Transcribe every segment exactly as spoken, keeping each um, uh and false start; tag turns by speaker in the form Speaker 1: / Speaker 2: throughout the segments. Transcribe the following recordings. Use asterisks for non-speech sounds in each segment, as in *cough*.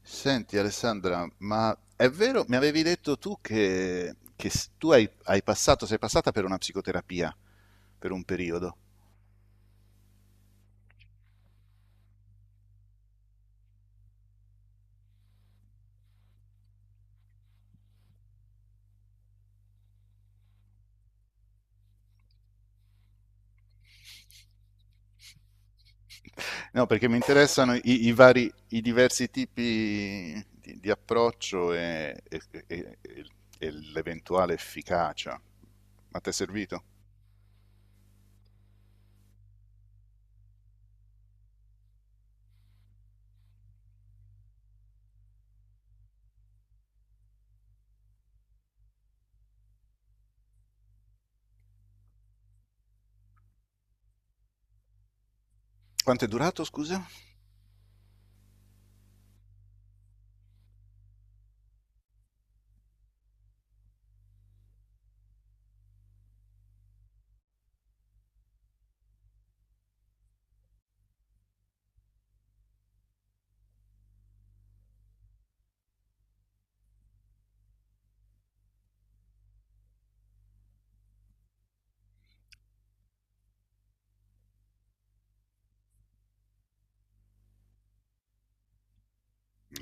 Speaker 1: Senti Alessandra, ma è vero, mi avevi detto tu che, che s- tu hai, hai passato, sei passata per una psicoterapia per un periodo. No, perché mi interessano i, i vari, i diversi tipi di, di approccio e, e- e- e- e l'eventuale efficacia. Ma ti è servito? Quanto è durato, scusa?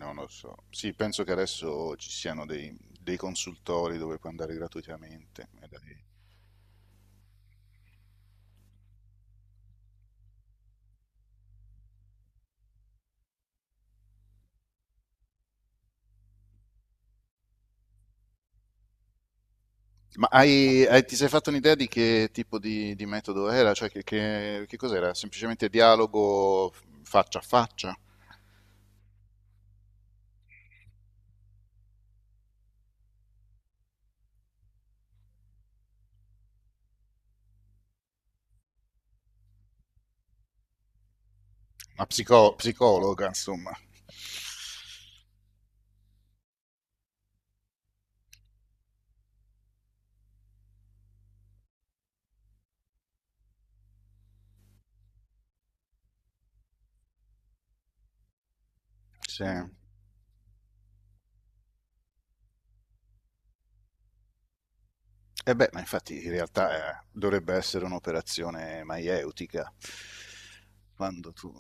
Speaker 1: Non lo so. Sì, penso che adesso ci siano dei, dei consultori dove puoi andare gratuitamente, magari. Ma hai, hai- ti sei fatto un'idea di che tipo di, di metodo era? Cioè, che, che- che cos'era? Semplicemente dialogo faccia a faccia? Una psico- psicologa, insomma. Sì. E beh, ma infatti in realtà eh, dovrebbe essere un'operazione maieutica, quando tu...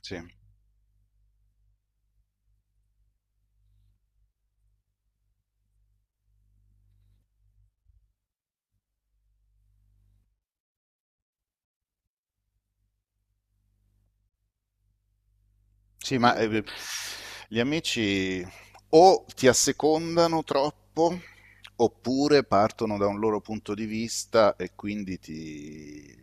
Speaker 1: Sì. Sì, ma eh, gli amici o ti assecondano troppo oppure partono da un loro punto di vista e quindi ti,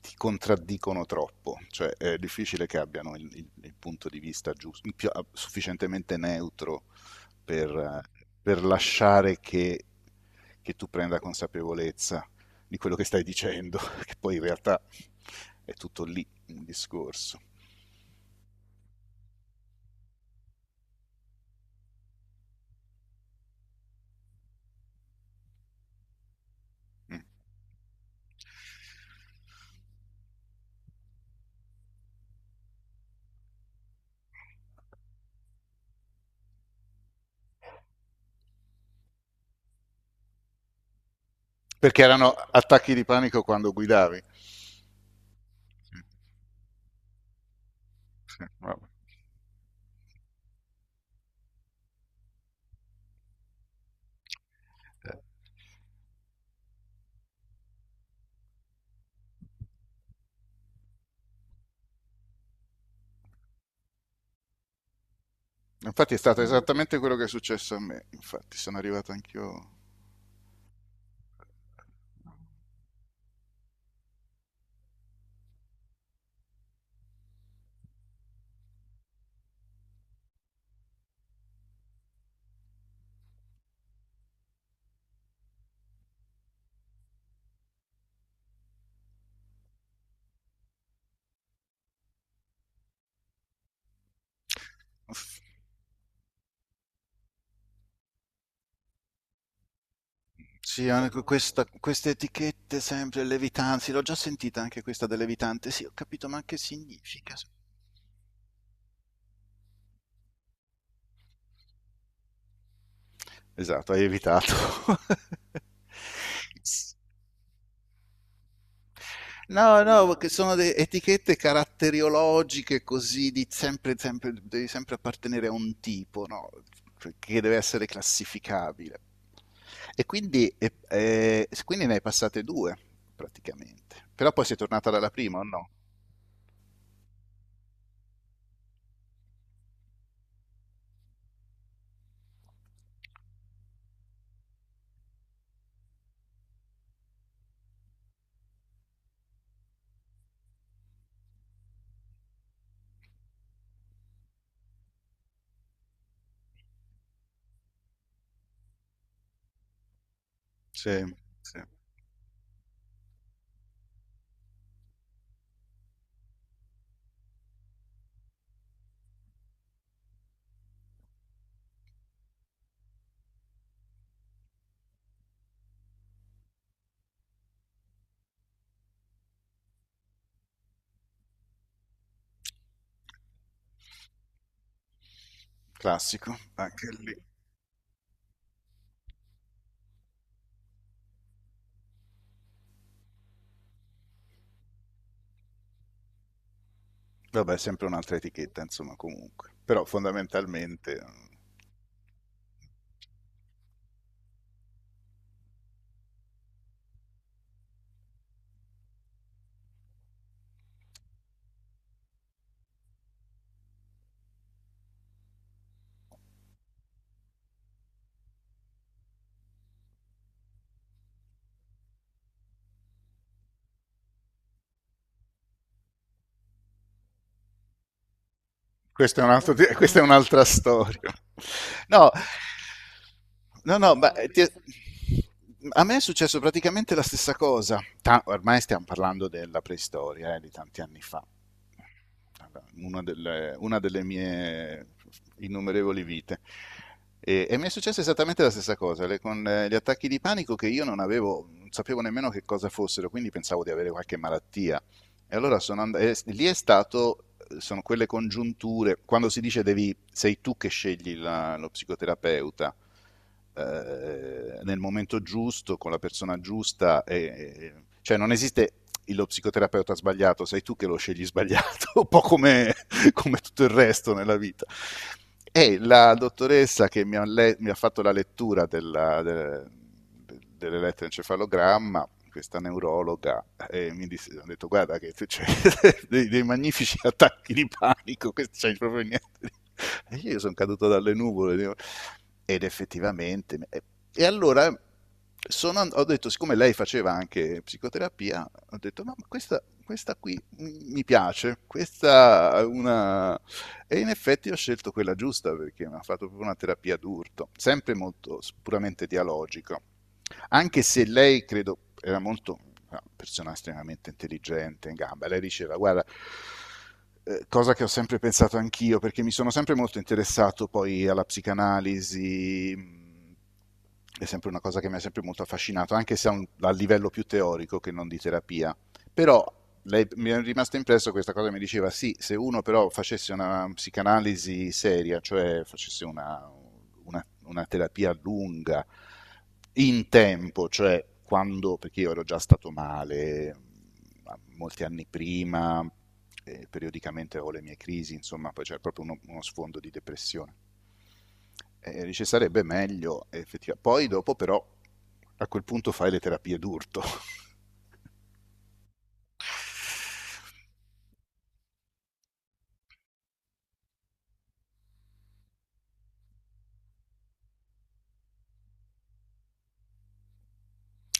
Speaker 1: ti contraddicono troppo, cioè è difficile che abbiano il, il- il punto di vista giusto, il più- ah, sufficientemente neutro per, eh, per lasciare che, che tu prenda consapevolezza di quello che stai dicendo, *laughs* che poi in realtà è tutto lì il discorso. Mm. Perché erano attacchi di panico quando guidavi. Sì, sì, vabbè. Infatti è stato esattamente quello che è successo a me. Infatti sono arrivato anch'io. Sì, anche questa- queste etichette sempre levitanti, l'ho già sentita anche questa del levitante. Sì, ho capito, ma che significa? Esatto, hai evitato. *laughs* No, no, perché sono de- etichette caratteriologiche così di sempre, sempre, devi sempre appartenere a un tipo, no? Cioè, che deve essere classificabile. E quindi, e- e- quindi ne hai passate due, praticamente. Però poi sei tornata dalla prima, o no? Sì, sì. Classico, anche lì. Vabbè, sempre un'altra etichetta, insomma, comunque. Però fondamentalmente... Questa è un altro, questa è un'altra storia. No, no, no, ma ti- a me è successo praticamente la stessa cosa. Ta- ormai stiamo parlando della preistoria, eh, di tanti anni fa. Una delle, una delle mie innumerevoli vite. E, e mi è successa esattamente la stessa cosa, le- con eh, gli attacchi di panico che io non avevo, non sapevo nemmeno che cosa fossero, quindi pensavo di avere qualche malattia e allora sono and- e s- lì è stato, sono quelle congiunture, quando si dice devi, sei tu che scegli la- lo psicoterapeuta, eh, nel momento giusto, con la persona giusta, e- e- cioè non esiste il- lo psicoterapeuta sbagliato, sei tu che lo scegli sbagliato, *laughs* un po' come, come tutto il resto nella vita. E la dottoressa che mi ha, le- mi ha fatto la lettura della- de- dell'elettroencefalogramma, questa neurologa, eh, mi disse, ho detto guarda che c'è *laughs* dei, dei magnifici *laughs* attacchi di panico, questo c'è proprio niente. *laughs* E io sono caduto dalle nuvole ed effettivamente... E, e allora sono, ho detto, siccome lei faceva anche psicoterapia, ho detto ma questa, questa qui mi piace, questa è una... E in effetti ho scelto quella giusta perché mi ha fatto proprio una terapia d'urto, sempre molto puramente dialogica, anche se lei, credo, era molto, una persona estremamente intelligente, in gamba. Lei diceva, guarda, eh, cosa che ho sempre pensato anch'io, perché mi sono sempre molto interessato poi alla psicanalisi, mh, è sempre una cosa che mi ha sempre molto affascinato, anche se a, un- a livello più teorico che non di terapia. Però lei, mi è rimasta impresso questa cosa, mi diceva sì, se uno però facesse una psicanalisi seria, cioè facesse una, una, una terapia lunga, in tempo, cioè quando, perché io ero già stato male molti anni prima, eh, periodicamente avevo le mie crisi, insomma, poi c'era proprio uno, uno sfondo di depressione. E dice sarebbe meglio, effettivamente. Poi dopo però a quel punto fai le terapie d'urto.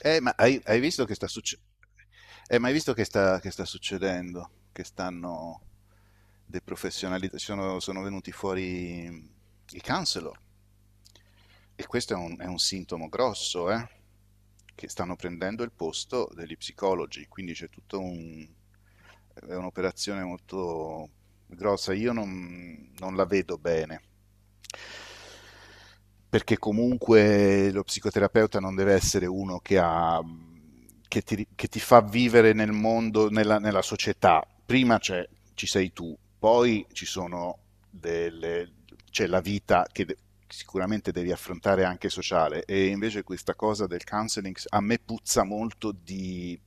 Speaker 1: Eh, ma hai, hai visto che sta succedendo? Eh, ma hai visto che sta, che sta succedendo? Che stanno deprofessionalizzando, sono, sono venuti fuori i counselor e questo è un, è un sintomo grosso, eh? Che stanno prendendo il posto degli psicologi, quindi c'è tutto un... È un'operazione molto grossa. Io non, non la vedo bene perché comunque lo psicoterapeuta non deve essere uno che, ha, che, ti, che ti fa vivere nel mondo, nella, nella società. Prima c'è, ci sei tu, poi ci sono delle, c'è la vita che de- sicuramente devi affrontare anche sociale, e invece questa cosa del counseling a me puzza molto di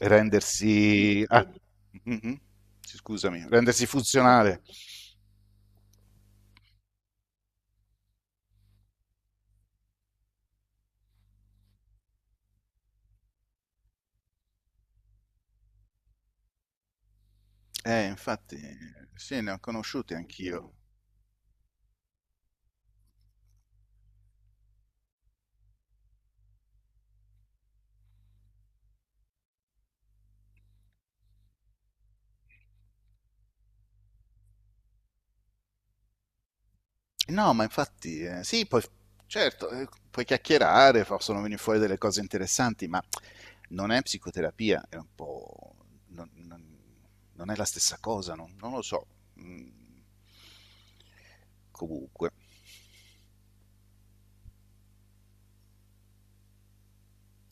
Speaker 1: rendersi... ah, mhm, sì, scusami, rendersi funzionale. Eh, infatti, sì, ne ho conosciuti anch'io. No, ma infatti, eh, sì, poi, certo, eh, puoi chiacchierare, possono venire fuori delle cose interessanti, ma non è psicoterapia, è un po'... non, non- non è la stessa cosa, non, non lo so. Mm, comunque.